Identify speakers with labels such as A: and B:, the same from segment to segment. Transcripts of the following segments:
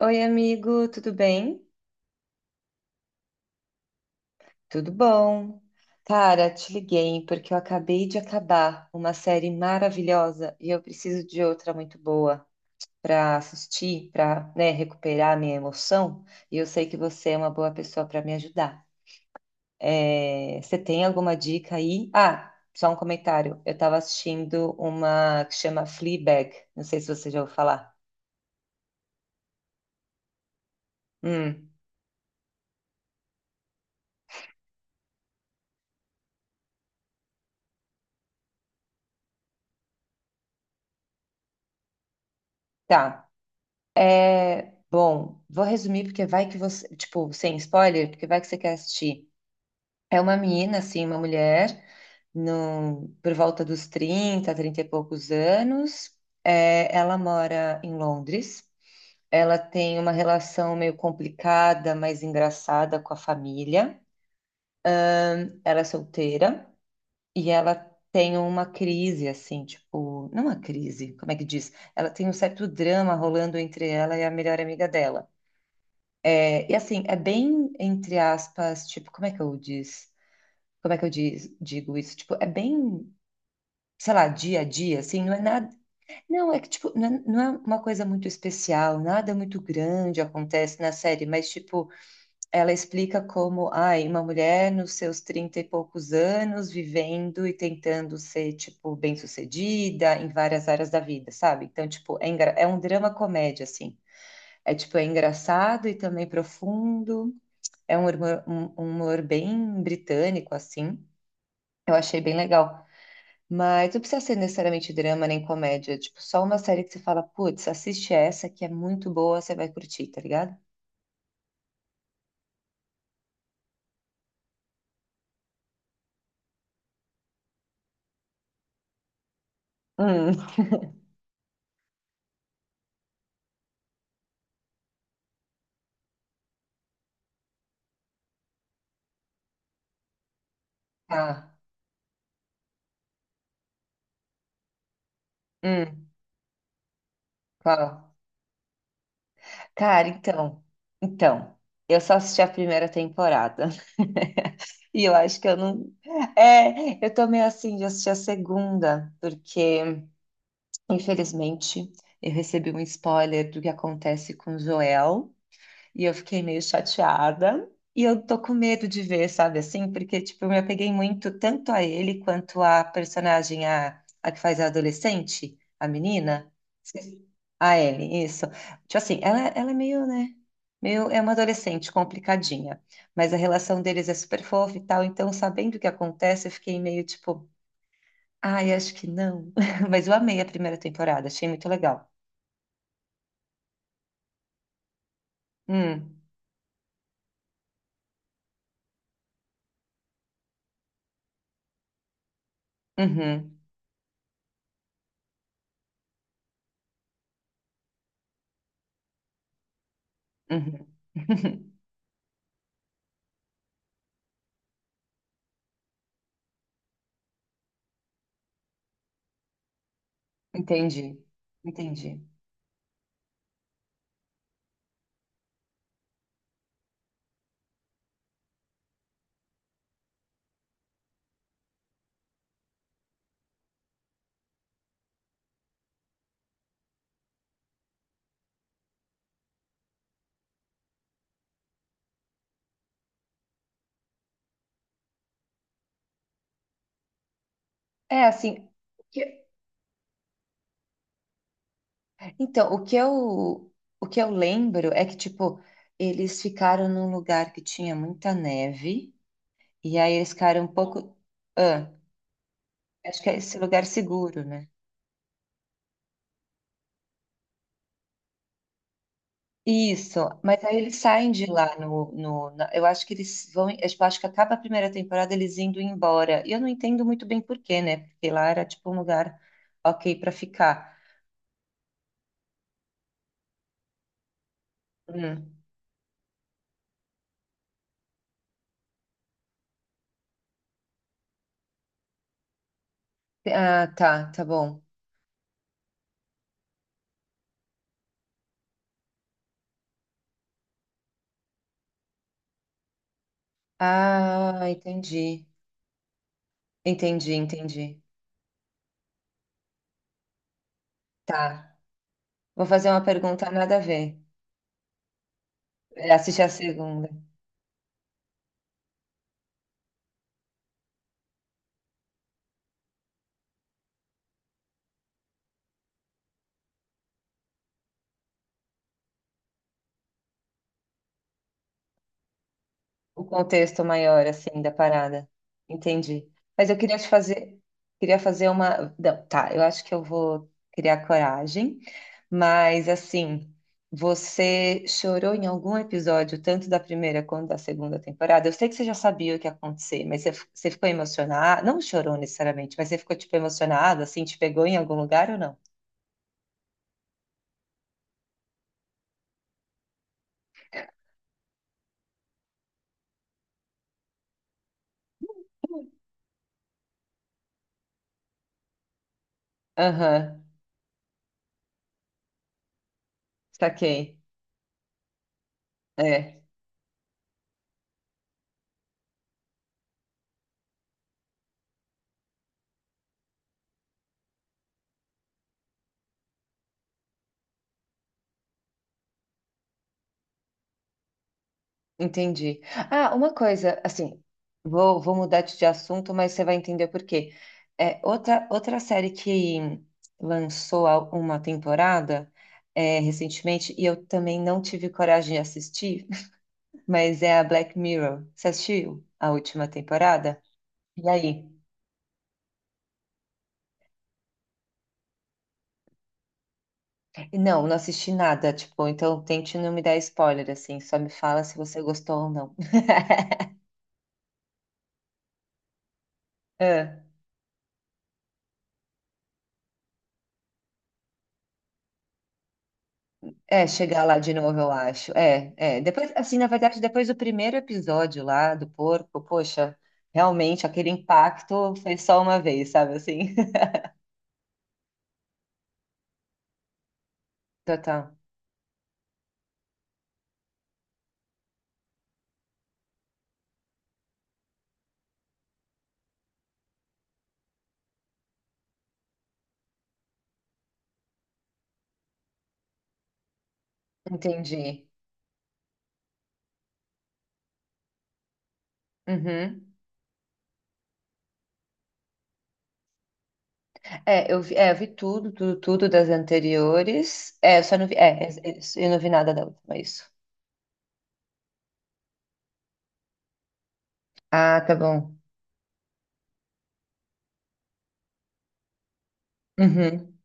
A: Oi, amigo, tudo bem? Tudo bom? Cara, te liguei porque eu acabei de acabar uma série maravilhosa e eu preciso de outra muito boa para assistir, para, né, recuperar a minha emoção. E eu sei que você é uma boa pessoa para me ajudar. É, você tem alguma dica aí? Ah, só um comentário. Eu estava assistindo uma que chama Fleabag. Não sei se você já ouviu falar. Hum, tá. É, bom, vou resumir porque vai que você, tipo, sem spoiler, porque vai que você quer assistir. É uma menina, assim, uma mulher, no, por volta dos 30, 30 e poucos anos. É, ela mora em Londres. Ela tem uma relação meio complicada, mas engraçada com a família. Ela é solteira e ela tem uma crise, assim, tipo, não uma crise, como é que diz? Ela tem um certo drama rolando entre ela e a melhor amiga dela. É, e assim, é bem, entre aspas, tipo, como é que eu diz? Como é que eu diz, digo isso? Tipo, é bem, sei lá, dia a dia, assim, não é nada. Não, é que, tipo, não é, não é uma coisa muito especial, nada muito grande acontece na série, mas, tipo, ela explica como, ai, uma mulher nos seus 30 e poucos anos, vivendo e tentando ser, tipo, bem-sucedida em várias áreas da vida, sabe? Então, tipo, é, engra- é um drama comédia, assim. É, tipo, é engraçado e também profundo. É um humor, um humor bem britânico, assim. Eu achei bem legal. Mas não precisa ser necessariamente drama nem comédia. Tipo, só uma série que você fala, putz, assiste essa que é muito boa, você vai curtir, tá ligado? Hum. Ah, hum, qual? Cara, então. Então. Eu só assisti a primeira temporada. E eu acho que eu não. É, eu tô meio assim de assistir a segunda, porque, infelizmente, eu recebi um spoiler do que acontece com Joel. E eu fiquei meio chateada. E eu tô com medo de ver, sabe assim? Porque, tipo, eu me apeguei muito tanto a ele quanto a personagem, a que faz a adolescente, a menina. Esqueci. A Ellie, isso. Tipo assim, ela é meio, né? Meio, é uma adolescente complicadinha. Mas a relação deles é super fofa e tal. Então, sabendo o que acontece, eu fiquei meio tipo, ai, acho que não. Mas eu amei a primeira temporada, achei muito legal. Hum, uhum, uhum. Entendi, entendi. É assim, o que- então, o que eu lembro é que, tipo, eles ficaram num lugar que tinha muita neve, e aí eles ficaram um pouco. Ah, acho que é esse lugar seguro, né? Isso, mas aí eles saem de lá no, no, na- eu acho que eles vão, eu tipo, acho que acaba a primeira temporada eles indo embora. E eu não entendo muito bem por quê, né? Porque lá era tipo um lugar ok pra ficar. Hum. Ah, tá, tá bom. Ah, entendi. Entendi, entendi. Tá. Vou fazer uma pergunta nada a ver. É, assistir a segunda. O contexto maior, assim, da parada. Entendi. Mas eu queria te fazer. Queria fazer uma. Não, tá, eu acho que eu vou criar coragem. Mas, assim, você chorou em algum episódio, tanto da primeira quanto da segunda temporada? Eu sei que você já sabia o que ia acontecer, mas você, f- você ficou emocionada? Não chorou necessariamente, mas você ficou, tipo, emocionada, assim, te pegou em algum lugar ou não? Aham, saquei. É, entendi. Ah, uma coisa, assim, vou, vou mudar de assunto, mas você vai entender por quê. É, outra, outra série que lançou a- uma temporada é, recentemente, e eu também não tive coragem de assistir, mas é a Black Mirror. Você assistiu a última temporada? E aí? Não, não assisti nada, tipo, então tente não me dar spoiler, assim, só me fala se você gostou ou não. Ah. É, chegar lá de novo, eu acho. É, é. Depois, assim, na verdade, depois do primeiro episódio lá do porco, poxa, realmente aquele impacto foi só uma vez, sabe assim? Total. Entendi. Uhum. É, eu vi tudo, tudo, tudo das anteriores. É, eu só não vi. É, é, é, eu não vi nada da última, é isso. Ah, tá bom. Uhum.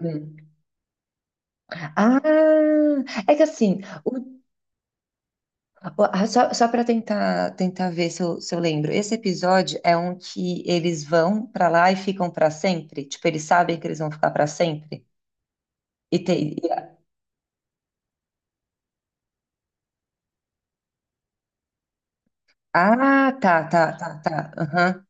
A: Uhum. Ah, é que assim, o ah, só, só para tentar tentar ver se eu, se eu lembro. Esse episódio é um que eles vão para lá e ficam para sempre? Tipo, eles sabem que eles vão ficar para sempre? E tem... e- Ah, tá, tá, tá, tá. Aham.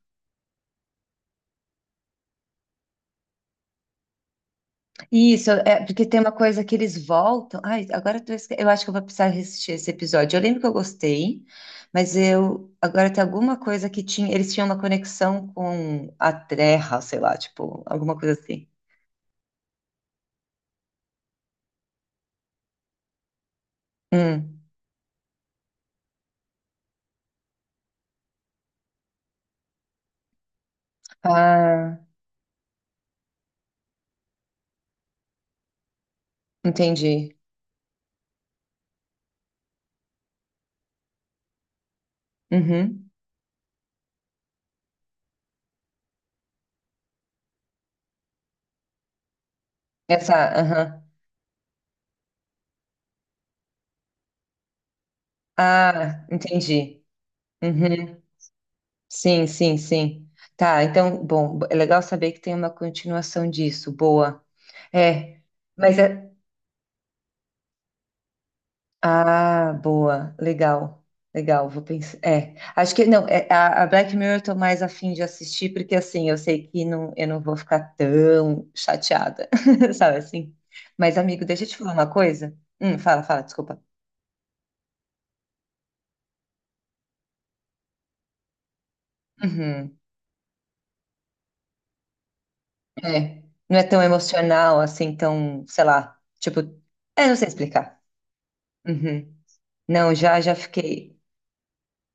A: Isso, é porque tem uma coisa que eles voltam. Ai, agora eu, tô esque- eu acho que eu vou precisar assistir esse episódio. Eu lembro que eu gostei, mas eu agora tem alguma coisa que tinha. Eles tinham uma conexão com a Terra, sei lá, tipo, alguma coisa assim. Hum. Ah, entendi. Uhum. Essa, aham. Ah, entendi. Uhum. Sim, sim, sim. Tá, então, bom, é legal saber que tem uma continuação disso. Boa. É, mas é. Ah, boa, legal. Legal, vou pensar. É, acho que não, é, a Black Mirror eu tô mais afim de assistir, porque assim, eu sei que não, eu não vou ficar tão chateada, sabe assim? Mas, amigo, deixa eu te falar uma coisa. Fala, fala, desculpa. Uhum. É, não é tão emocional assim, tão, sei lá, tipo, é, não sei explicar. Uhum. Não, já já fiquei.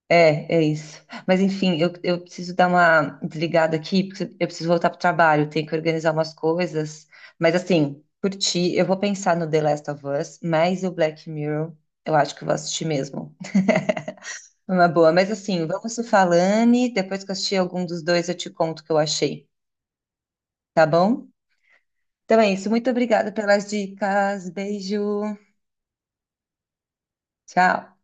A: É, é isso. Mas enfim, eu preciso dar uma desligada aqui, porque eu preciso voltar pro trabalho, tenho que organizar umas coisas. Mas assim, por ti, eu vou pensar no The Last of Us, mas o Black Mirror, eu acho que eu vou assistir mesmo. É uma boa, mas assim, vamos se falando e depois que eu assistir algum dos dois, eu te conto o que eu achei, tá bom? Então é isso, muito obrigada pelas dicas, beijo! Tchau.